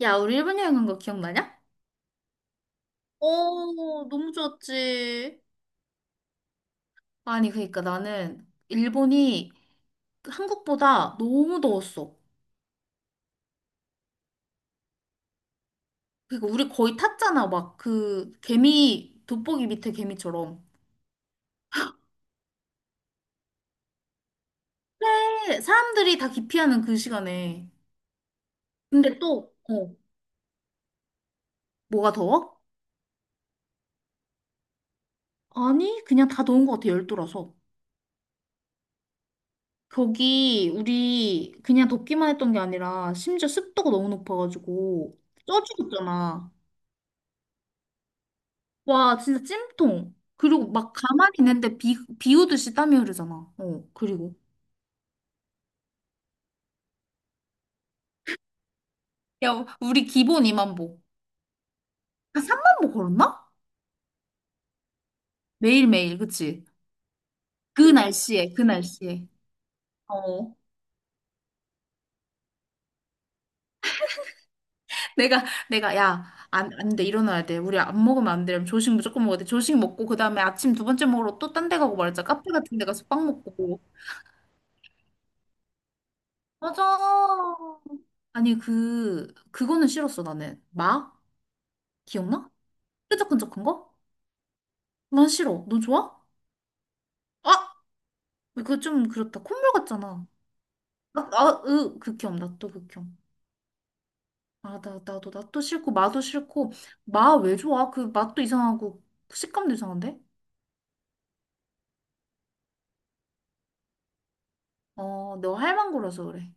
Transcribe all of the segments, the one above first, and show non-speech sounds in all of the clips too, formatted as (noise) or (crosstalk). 야, 우리 일본 여행 간 거 기억나냐? 어, 너무 좋았지. 아니, 그러니까 나는 일본이 한국보다 너무 더웠어. 그러니까 우리 거의 탔잖아. 막 그 개미, 돋보기 밑에 개미처럼. 그래, 사람들이 다 기피하는 그 시간에. 근데 또, 뭐가 더워? 아니, 그냥 다 더운 것 같아, 열도라서. 거기 우리 그냥 덥기만 했던 게 아니라 심지어 습도가 너무 높아가지고 쪄 죽었잖아. 와, 진짜 찜통. 그리고 막 가만히 있는데 비 오듯이 땀이 흐르잖아. 그리고. 야, 우리 기본 2만 보. 한 3만 보 걸었나? 매일매일, 그치? 그 날씨에, 그 날씨에. 어. 내가, 야, 안 돼, 일어나야 돼. 우리 안 먹으면 안 돼. 이러면 조식 무조건 먹어야 돼. 조식 먹고, 그 다음에 아침 두 번째 먹으러 또 딴 데 가고 말자. 카페 같은 데 가서 빵 먹고. 맞아. 아니, 그거는 싫었어, 나는. 마? 기억나? 끈적끈적한 거? 난 싫어. 너 좋아? 아! 그거 좀 그렇다. 콧물 같잖아. 아, 아, 으, 극혐. 나또 극혐. 아, 나도, 나또 싫고, 마도 싫고. 마 왜 좋아? 그 맛도 이상하고, 식감도 이상한데? 어, 너 할망구라서 그래.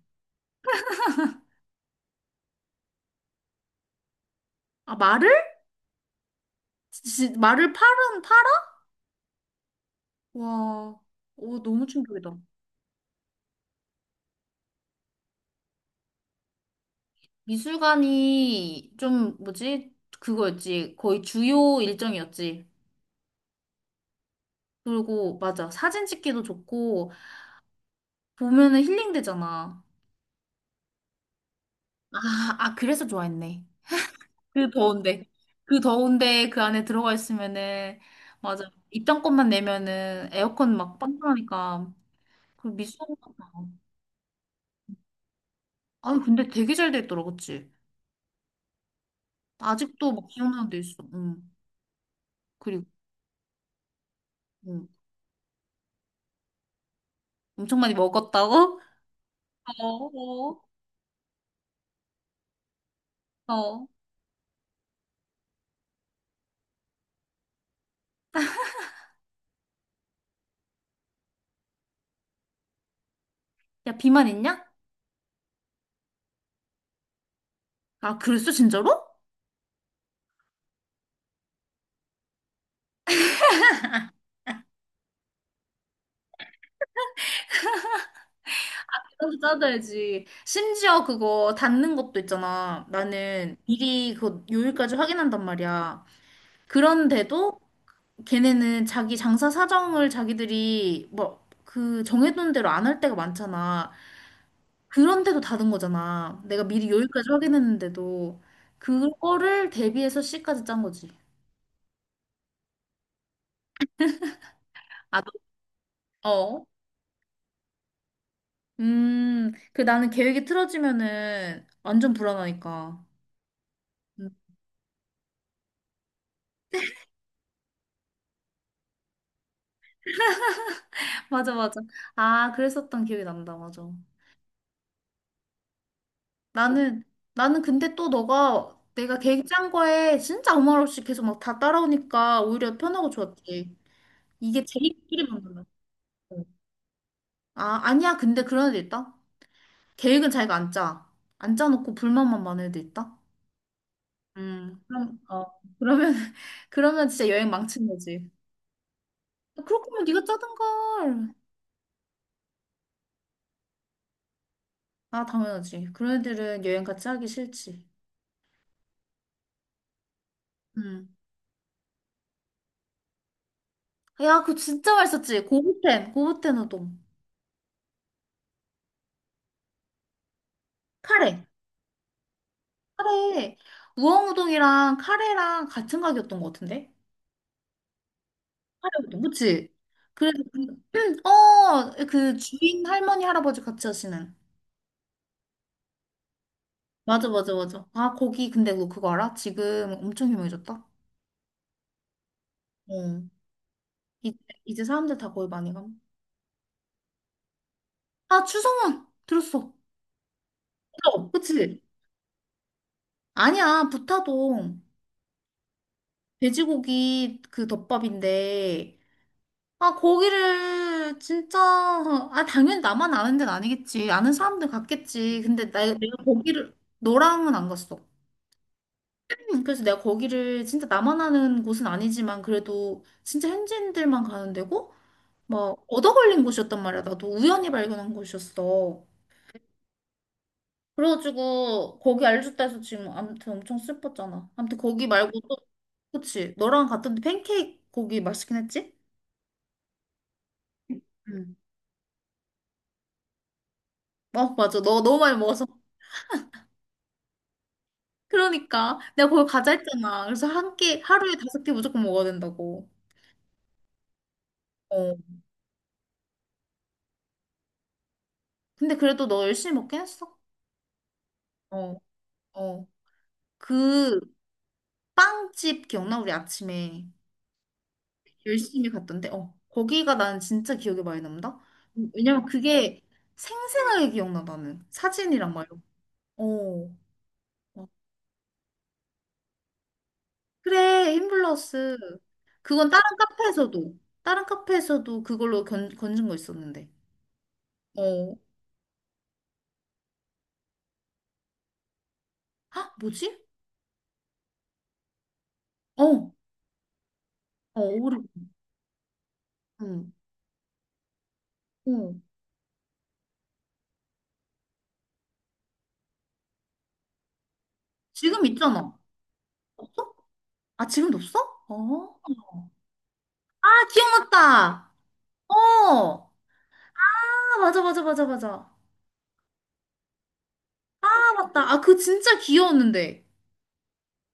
아, 말을? 말을 팔아? 와, 오, 너무 충격이다. 미술관이 좀, 뭐지? 그거였지. 거의 주요 일정이었지. 그리고, 맞아. 사진 찍기도 좋고, 보면은 힐링되잖아. 아, 아, 그래서 좋아했네. 그 더운데. 그 더운데 그 안에 들어가 있으면은, 맞아. 입장권만 내면은 에어컨 막 빵빵하니까, 그 미소가 나. 아니, 근데 되게 잘 돼 있더라, 그치? 아직도 막 기억나는 데 있어. 응. 그리고, 응. 엄청 많이 먹었다고? 어, 어, 어. 야, 비만 있냐? 아, 그랬어, 진짜로? 나도 따져야지. 심지어 그거 닿는 것도 있잖아. 나는 미리 그 요일까지 확인한단 말이야. 그런데도 걔네는 자기 장사 사정을 자기들이 뭐 그 정해둔 대로 안 할 때가 많잖아. 그런데도 닫은 거잖아. 내가 미리 여기까지 확인했는데도 그거를 대비해서 C까지 짠 거지. 아, 어. 그 나는 계획이 틀어지면은 완전 불안하니까. 음, 맞아, 맞아. 아, 그랬었던 기억이 난다, 맞아. 나는, 나는 근데 또 너가 내가 계획 짠 거에 진짜 아무 말 없이 계속 막 다 따라오니까 오히려 편하고 좋았지. 이게 자기끼리 만든 거야. 어. 아, 아니야. 근데 그런 애도 있다. 계획은 자기가 안 짜. 안 짜놓고 불만만 많은 애도 있다. 그럼, 어. 그러면, (laughs) 그러면 진짜 여행 망친 거지. 그렇게면 네가 짜든 걸. 아, 당연하지. 그런 애들은 여행 같이 하기 싫지. 음. 야, 그거 진짜 맛있었지. 고부텐, 고부텐 우동. 카레. 카레. 우엉우동이랑 카레랑 같은 가격이었던 것 같은데? 그치? 그래서 (clears throat) 그 주인 할머니 할아버지 같이 하시는. 맞아, 맞아, 맞아. 아, 거기 근데 너 그거 알아? 지금 엄청 유명해졌다. 어. 이제, 이제 사람들 다 거기 많이 가. 아, 추성훈 들었어. 들어, 그치? 아니야, 부타동 돼지고기 그 덮밥인데. 아, 거기를 진짜 아, 당연히 나만 아는 데는 아니겠지. 아는 사람들 갔겠지. 근데 내가 거기를 너랑은 안 갔어. (clears throat) 그래서 내가 거기를 진짜 나만 아는 곳은 아니지만 그래도 진짜 현지인들만 가는 데고 막 얻어 걸린 곳이었단 말이야. 나도 우연히 발견한 곳이었어. 그래가지고 거기 알려줬다 해서 지금 아무튼 엄청 슬펐잖아. 아무튼 거기 말고 또 그치? 너랑 갔던데 팬케이크 거기 맛있긴 했지? 응. 어, 맞아. 너 너무 많이 먹어서. 그러니까 내가 거기 가자 했잖아. 그래서 한 끼 하루에 다섯 끼 무조건 먹어야 된다고. 어. 근데 그래도 너 열심히 먹긴 했어. 어. 어. 그 빵집 기억나? 우리 아침에 열심히 갔던데, 거기가 나는 진짜 기억에 많이 남다? 왜냐면 그게 생생하게 기억나, 나는. 사진이랑 막, 이런 거. 어. 어. 그래, 힘블러스. 그건 다른 카페에서도, 다른 카페에서도 그걸로 건진 거 있었는데. 어. 아, 뭐지? 어, 어, 오래, 응, 어. 지금 있잖아. 없어? 아, 지금도 없어? 어. 아, 기억났다! 어! 아, 맞아, 맞아, 맞아, 맞아. 맞다. 아, 그 진짜 귀여웠는데.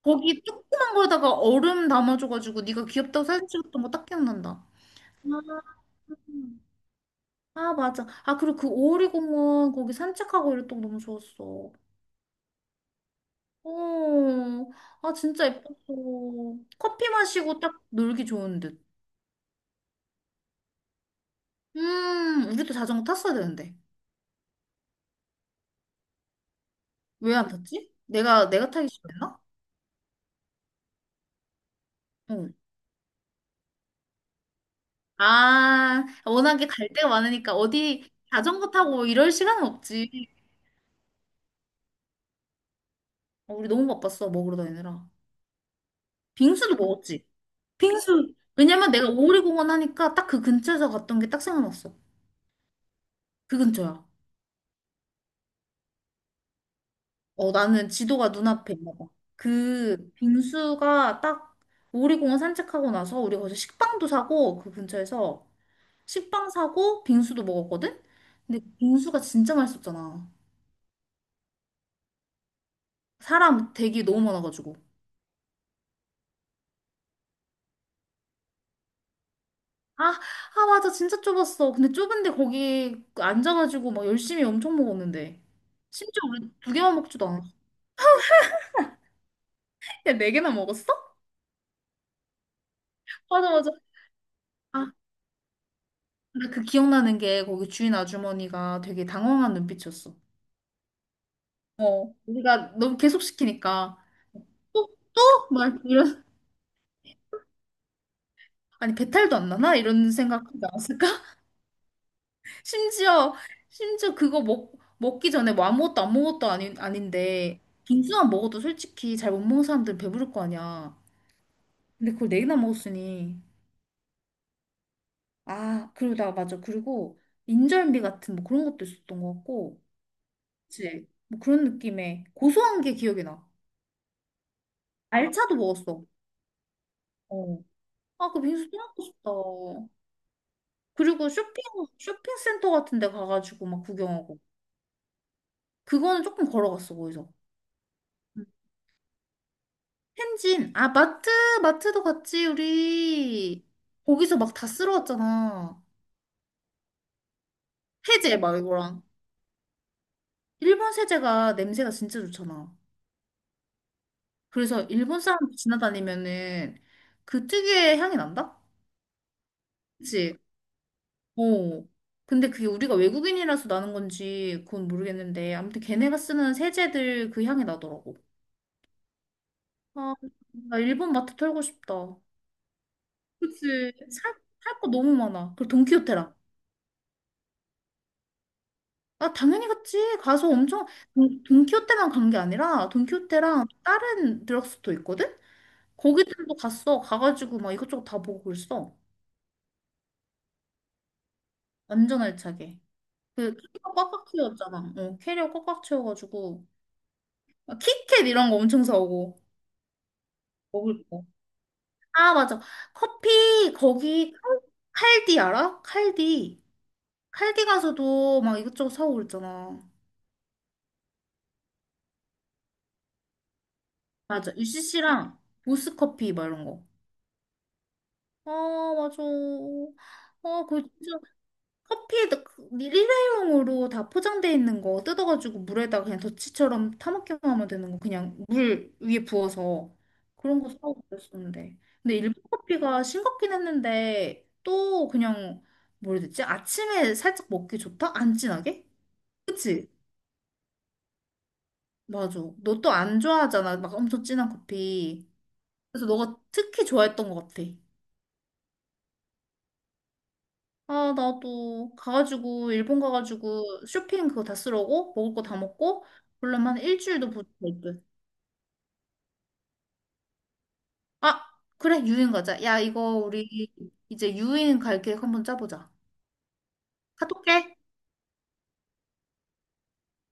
거기 조그만 거에다가 얼음 담아줘가지고 네가 귀엽다고 사진 찍었던 거 딱 기억난다. 아, 아, 맞아. 아, 그리고 그 오리공원 거기 산책하고 이랬던 거 너무 좋았어. 오, 아, 진짜 예뻤어. 커피 마시고 딱 놀기 좋은 듯. 우리도 자전거 탔어야 되는데. 왜 안 탔지? 내가 타기 싫었나? 응. 아, 워낙에 갈 데가 많으니까 어디 자전거 타고 뭐 이럴 시간은 없지. 우리 너무 바빴어, 먹으러 다니느라. 빙수도 먹었지. 빙수. 왜냐면 내가 오리공원 하니까 딱 그 근처에서 갔던 게 딱 생각났어. 그 근처야. 나는 지도가 눈앞에 있나 봐. 그 빙수가 딱 오리공원 산책하고 나서 우리 거기서 식빵도 사고 그 근처에서 식빵 사고 빙수도 먹었거든? 근데 빙수가 진짜 맛있었잖아. 사람 대기 너무 많아가지고. 아, 아, 맞아. 진짜 좁았어. 근데 좁은데 거기 앉아가지고 막 열심히 엄청 먹었는데. 심지어 우리 두 개만 먹지도 않았어. 야, 네 개나 먹었어? 맞아, 맞아. 아, 근데 그 기억나는 게 거기 주인 아주머니가 되게 당황한 눈빛이었어. 어, 우리가 너무 계속 시키니까 또, 또? 막 이런, 아니, 배탈도 안 나나? 이런 생각하지 않았을까? (laughs) 심지어, 심지어 그거 먹기 전에 뭐 아무것도 안 먹었다도아닌 아닌데, 빙수만 먹어도 솔직히 잘 못 먹는 사람들은 배부를 거 아니야. 근데 그걸 네 개나 먹었으니 아, 그러다. 맞아. 그리고 인절미 같은 뭐 그런 것도 있었던 것 같고. 그치? 뭐 그런 느낌의 고소한 게 기억이 나. 알차도 먹었어. 어. 아, 그 빙수 또 먹고 싶다. 그리고 쇼핑센터 같은 데 가가지고 막 구경하고. 그거는 조금 걸어갔어, 거기서. 음진아 마트. 마트도 갔지, 우리. 거기서 막 다 쓸어왔잖아. 세제 막 이거랑 일본 세제가 냄새가 진짜 좋잖아. 그래서 일본 사람 지나다니면은 그 특유의 향이 난다? 그치? 어. 근데 그게 우리가 외국인이라서 나는 건지 그건 모르겠는데 아무튼 걔네가 쓰는 세제들 그 향이 나더라고. 아, 나 일본 마트 털고 싶다. 그치? 살 거 너무 많아. 그리고 돈키호테랑. 아, 당연히 갔지. 가서 엄청 돈키호테만 간 게 아니라 돈키호테랑 다른 드럭스토어 있거든? 거기들도 갔어. 가가지고 막 이것저것 다 보고 그랬어. 완전 알차게. 그리어 꽉꽉 채웠잖아. 어, 캐리어 꽉꽉 채워가지고 막 키캣 이런 거 엄청 사오고 먹을 거. 아, 맞아. 커피 거기 칼디 알아? 칼디. 칼디 가서도 막 이것저것 사오고 그랬잖아. 맞아. UCC랑 보스커피 막 이런 거. 아, 맞아. 아, 그거 진짜 커피에도 그 일회용으로 다 포장돼 있는 거 뜯어가지고 물에다가 그냥 더치처럼 타먹기만 하면 되는 거 그냥 물 위에 부어서 그런 거 사고 그랬었는데 근데 일본 커피가 싱겁긴 했는데 또 그냥 뭐라 해야 되지? 아침에 살짝 먹기 좋다? 안 진하게? 그치? 맞아, 너 또 안 좋아하잖아, 막 엄청 진한 커피. 그래서 너가 특히 좋아했던 것 같아. 아, 나도 가가지고 일본 가가지고 쇼핑 그거 다 쓰러고 먹을 거 다 먹고 그러면 한 일주일도 못될 듯. 아, 그래, 유인 가자. 야, 이거 우리 이제 유인 갈 계획 한번 짜보자. 카톡해.